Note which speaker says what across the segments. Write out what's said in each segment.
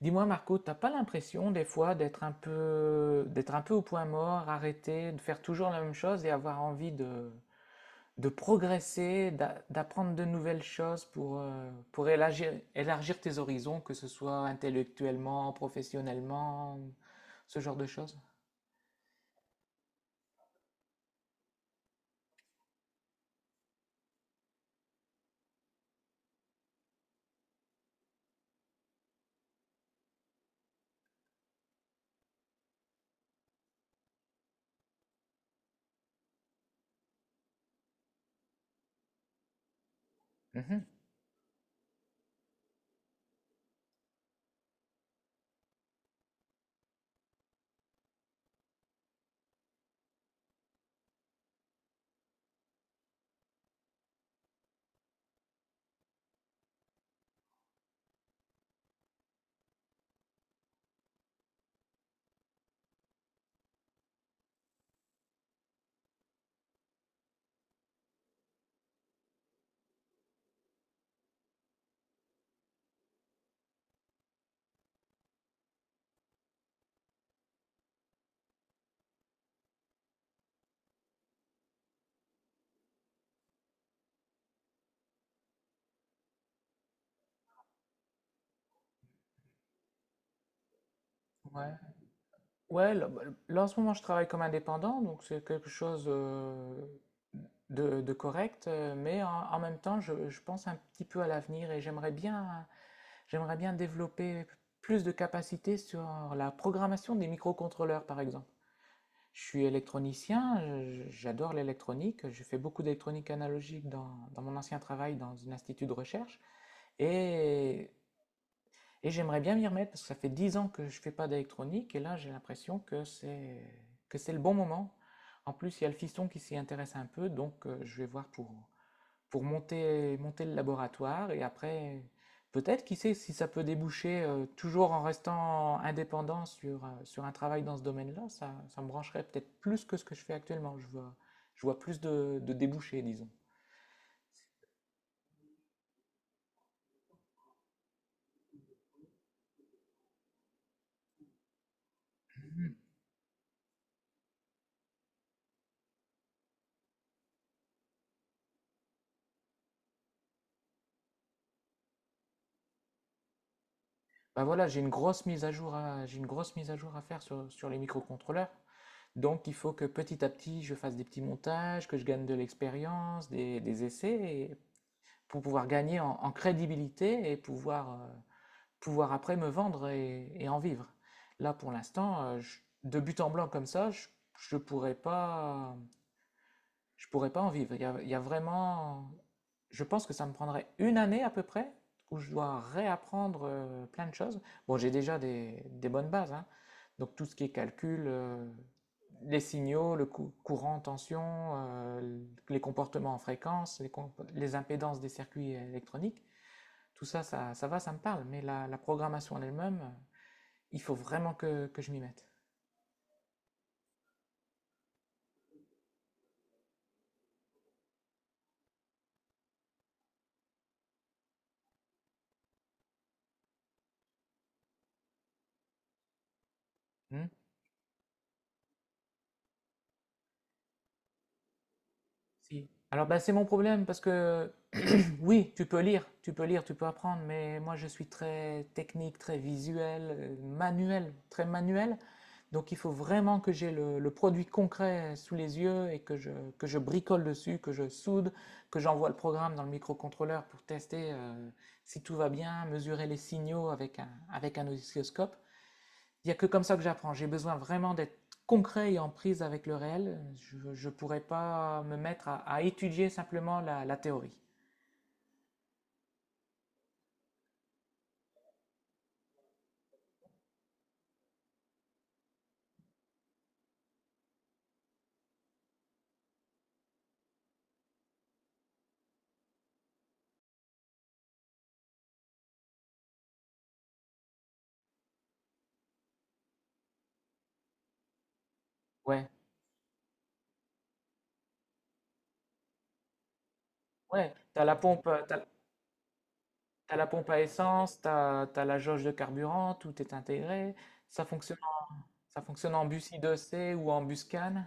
Speaker 1: Dis-moi Marco, t'as pas l'impression des fois d'être un peu au point mort, arrêté, de faire toujours la même chose et avoir envie de progresser, d'apprendre de nouvelles choses pour élargir, élargir tes horizons, que ce soit intellectuellement, professionnellement, ce genre de choses? Mhm. Ouais, là, bah, là, en ce moment je travaille comme indépendant, donc c'est quelque chose de correct, mais en, en même temps je pense un petit peu à l'avenir et j'aimerais bien développer plus de capacités sur la programmation des microcontrôleurs par exemple. Je suis électronicien, j'adore l'électronique, j'ai fait beaucoup d'électronique analogique dans, dans mon ancien travail dans un institut de recherche et et j'aimerais bien m'y remettre parce que ça fait 10 ans que je ne fais pas d'électronique et là j'ai l'impression que c'est le bon moment. En plus, il y a le fiston qui s'y intéresse un peu, donc je vais voir pour monter, monter le laboratoire et après, peut-être, qui sait si ça peut déboucher, toujours en restant indépendant sur, sur un travail dans ce domaine-là, ça me brancherait peut-être plus que ce que je fais actuellement. Je vois plus de débouchés, disons. Bah voilà, j'ai une grosse mise à jour à, j'ai une grosse mise à jour à faire sur, sur les microcontrôleurs. Donc il faut que petit à petit, je fasse des petits montages, que je gagne de l'expérience, des essais, et- pour pouvoir gagner en, en crédibilité et pouvoir, pouvoir après me vendre et en vivre. Là, pour l'instant, de but en blanc comme ça, je ne pourrais pas, je pourrais pas en vivre. Il y a vraiment... Je pense que ça me prendrait une année à peu près où je dois réapprendre plein de choses. Bon, j'ai déjà des bonnes bases, hein. Donc tout ce qui est calcul, les signaux, courant, tension, les comportements en fréquence, les, les impédances des circuits électroniques, tout ça, ça, ça va, ça me parle. Mais la programmation en elle-même, il faut vraiment que je m'y mette. Hmm. Si. Alors ben, c'est mon problème parce que oui, tu peux lire, tu peux lire, tu peux apprendre, mais moi je suis très technique, très visuel, manuel, très manuel. Donc il faut vraiment que j'ai le produit concret sous les yeux et que je bricole dessus, que je soude, que j'envoie le programme dans le microcontrôleur pour tester si tout va bien, mesurer les signaux avec un oscilloscope. Il n'y a que comme ça que j'apprends. J'ai besoin vraiment d'être concret et en prise avec le réel. Je ne pourrais pas me mettre à étudier simplement la la théorie. Ouais. Ouais, t'as la pompe, t'as, t'as la pompe à essence, t'as, t'as la jauge de carburant, tout est intégré. Ça fonctionne, ça fonctionne en bus I2C ou en bus CAN.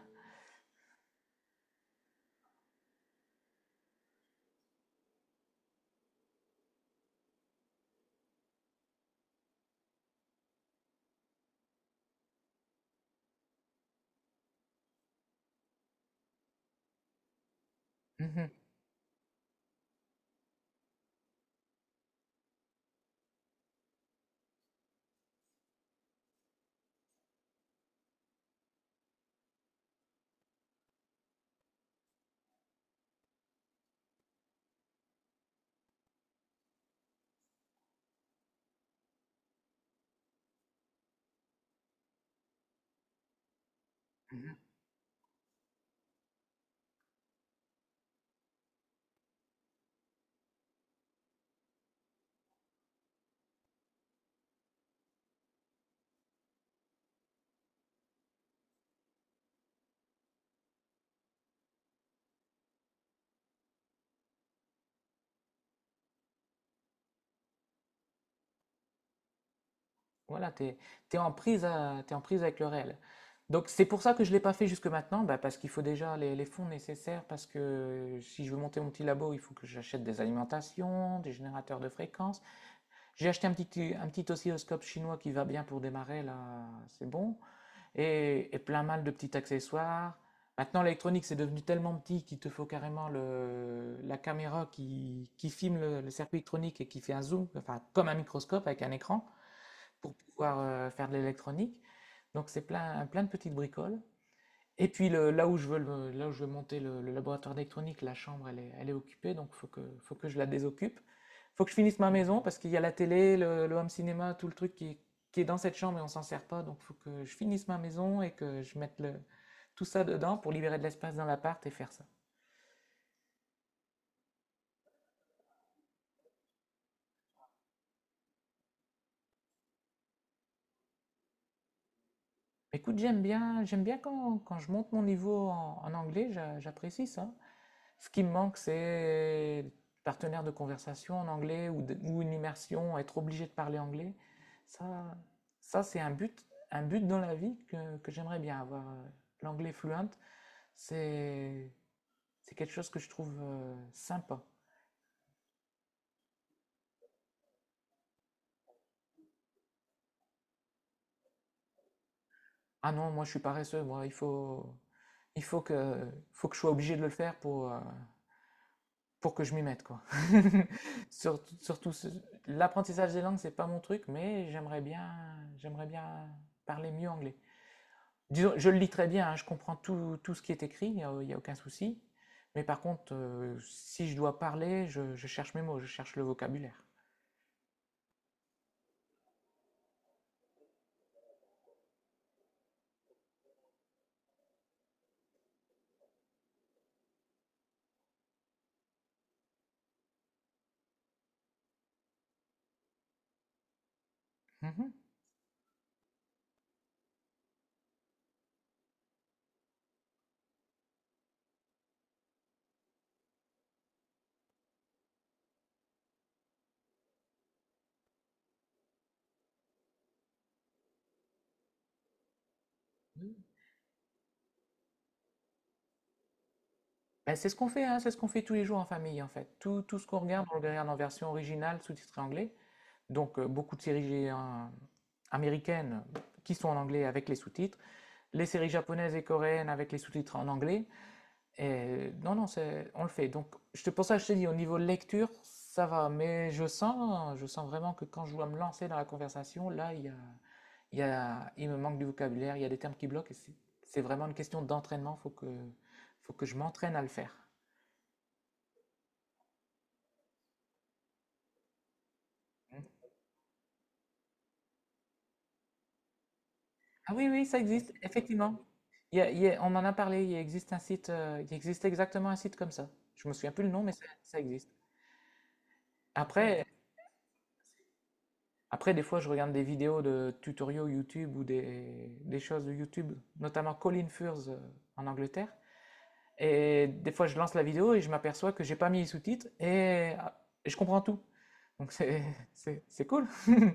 Speaker 1: Mhm, mhm. Voilà, t'es, t'es en prise avec le réel. Donc c'est pour ça que je ne l'ai pas fait jusque maintenant, bah, parce qu'il faut déjà les fonds nécessaires, parce que si je veux monter mon petit labo, il faut que j'achète des alimentations, des générateurs de fréquences. J'ai acheté un petit oscilloscope chinois qui va bien pour démarrer, là, c'est bon. Et plein mal de petits accessoires. Maintenant, l'électronique, c'est devenu tellement petit qu'il te faut carrément le, la caméra qui filme le circuit électronique et qui fait un zoom, enfin, comme un microscope avec un écran, pour pouvoir faire de l'électronique. Donc, c'est plein, plein de petites bricoles. Et puis là où je veux là où je veux monter le laboratoire d'électronique, la chambre elle est occupée, donc faut que je la désoccupe. Faut que je finisse ma maison parce qu'il y a la télé, le home cinéma, tout le truc qui, qui est dans cette chambre et on s'en sert pas, donc faut que je finisse ma maison et que je mette le, tout ça dedans pour libérer de l'espace dans l'appart et faire ça. Écoute, j'aime bien quand, quand je monte mon niveau en, en anglais, j'apprécie ça. Ce qui me manque, c'est partenaires de conversation en anglais ou, ou une immersion, être obligé de parler anglais. Ça, ça c'est un but dans la vie que j'aimerais bien avoir. L'anglais fluent, c'est c'est quelque chose que je trouve sympa. Ah non, moi je suis paresseux, moi, il faut que je sois obligé de le faire pour que je m'y mette, quoi. Surtout, surtout l'apprentissage des langues, c'est pas mon truc, mais j'aimerais bien parler mieux anglais. Disons, je le lis très bien, hein, je comprends tout, tout ce qui est écrit, il n'y a, y a aucun souci. Mais par contre, si je dois parler, je cherche mes mots, je cherche le vocabulaire. Mhm. Ben, c'est ce qu'on fait, hein, c'est ce qu'on fait tous les jours en famille, en fait. Tout, tout ce qu'on regarde, on le regarde en version originale, sous-titrée anglais. Donc, beaucoup de séries hein, américaines qui sont en anglais avec les sous-titres, les séries japonaises et coréennes avec les sous-titres en anglais, et non, non, c'est, on le fait. Donc, je te, pour ça, je te dis, au niveau lecture, ça va. Mais je sens vraiment que quand je dois me lancer dans la conversation, là, il y a, il y a, il me manque du vocabulaire, il y a des termes qui bloquent. Et c'est vraiment une question d'entraînement. Il faut que, faut que je m'entraîne à le faire. Ah oui, oui, ça existe, effectivement. On en a parlé. Il existe un site, il existe exactement un site comme ça. Je me souviens plus le nom, mais ça existe. Après, après, des fois, je regarde des vidéos de tutoriaux YouTube ou des choses de YouTube, notamment Colin Furze en Angleterre. Et des fois, je lance la vidéo et je m'aperçois que j'ai pas mis les sous-titres et, ah, et je comprends tout. Donc, c'est, c'est cool.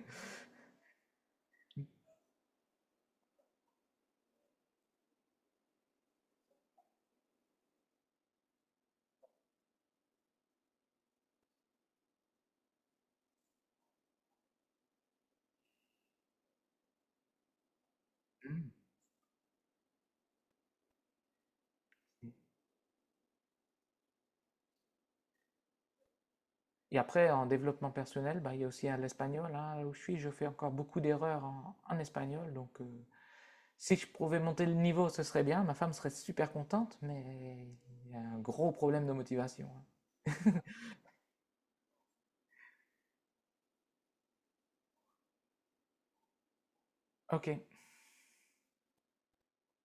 Speaker 1: Et après, en développement personnel, bah, il y a aussi hein, l'espagnol. Hein. Là où je suis, je fais encore beaucoup d'erreurs en, en espagnol. Donc, si je pouvais monter le niveau, ce serait bien. Ma femme serait super contente, mais il y a un gros problème de motivation. Hein. Ok.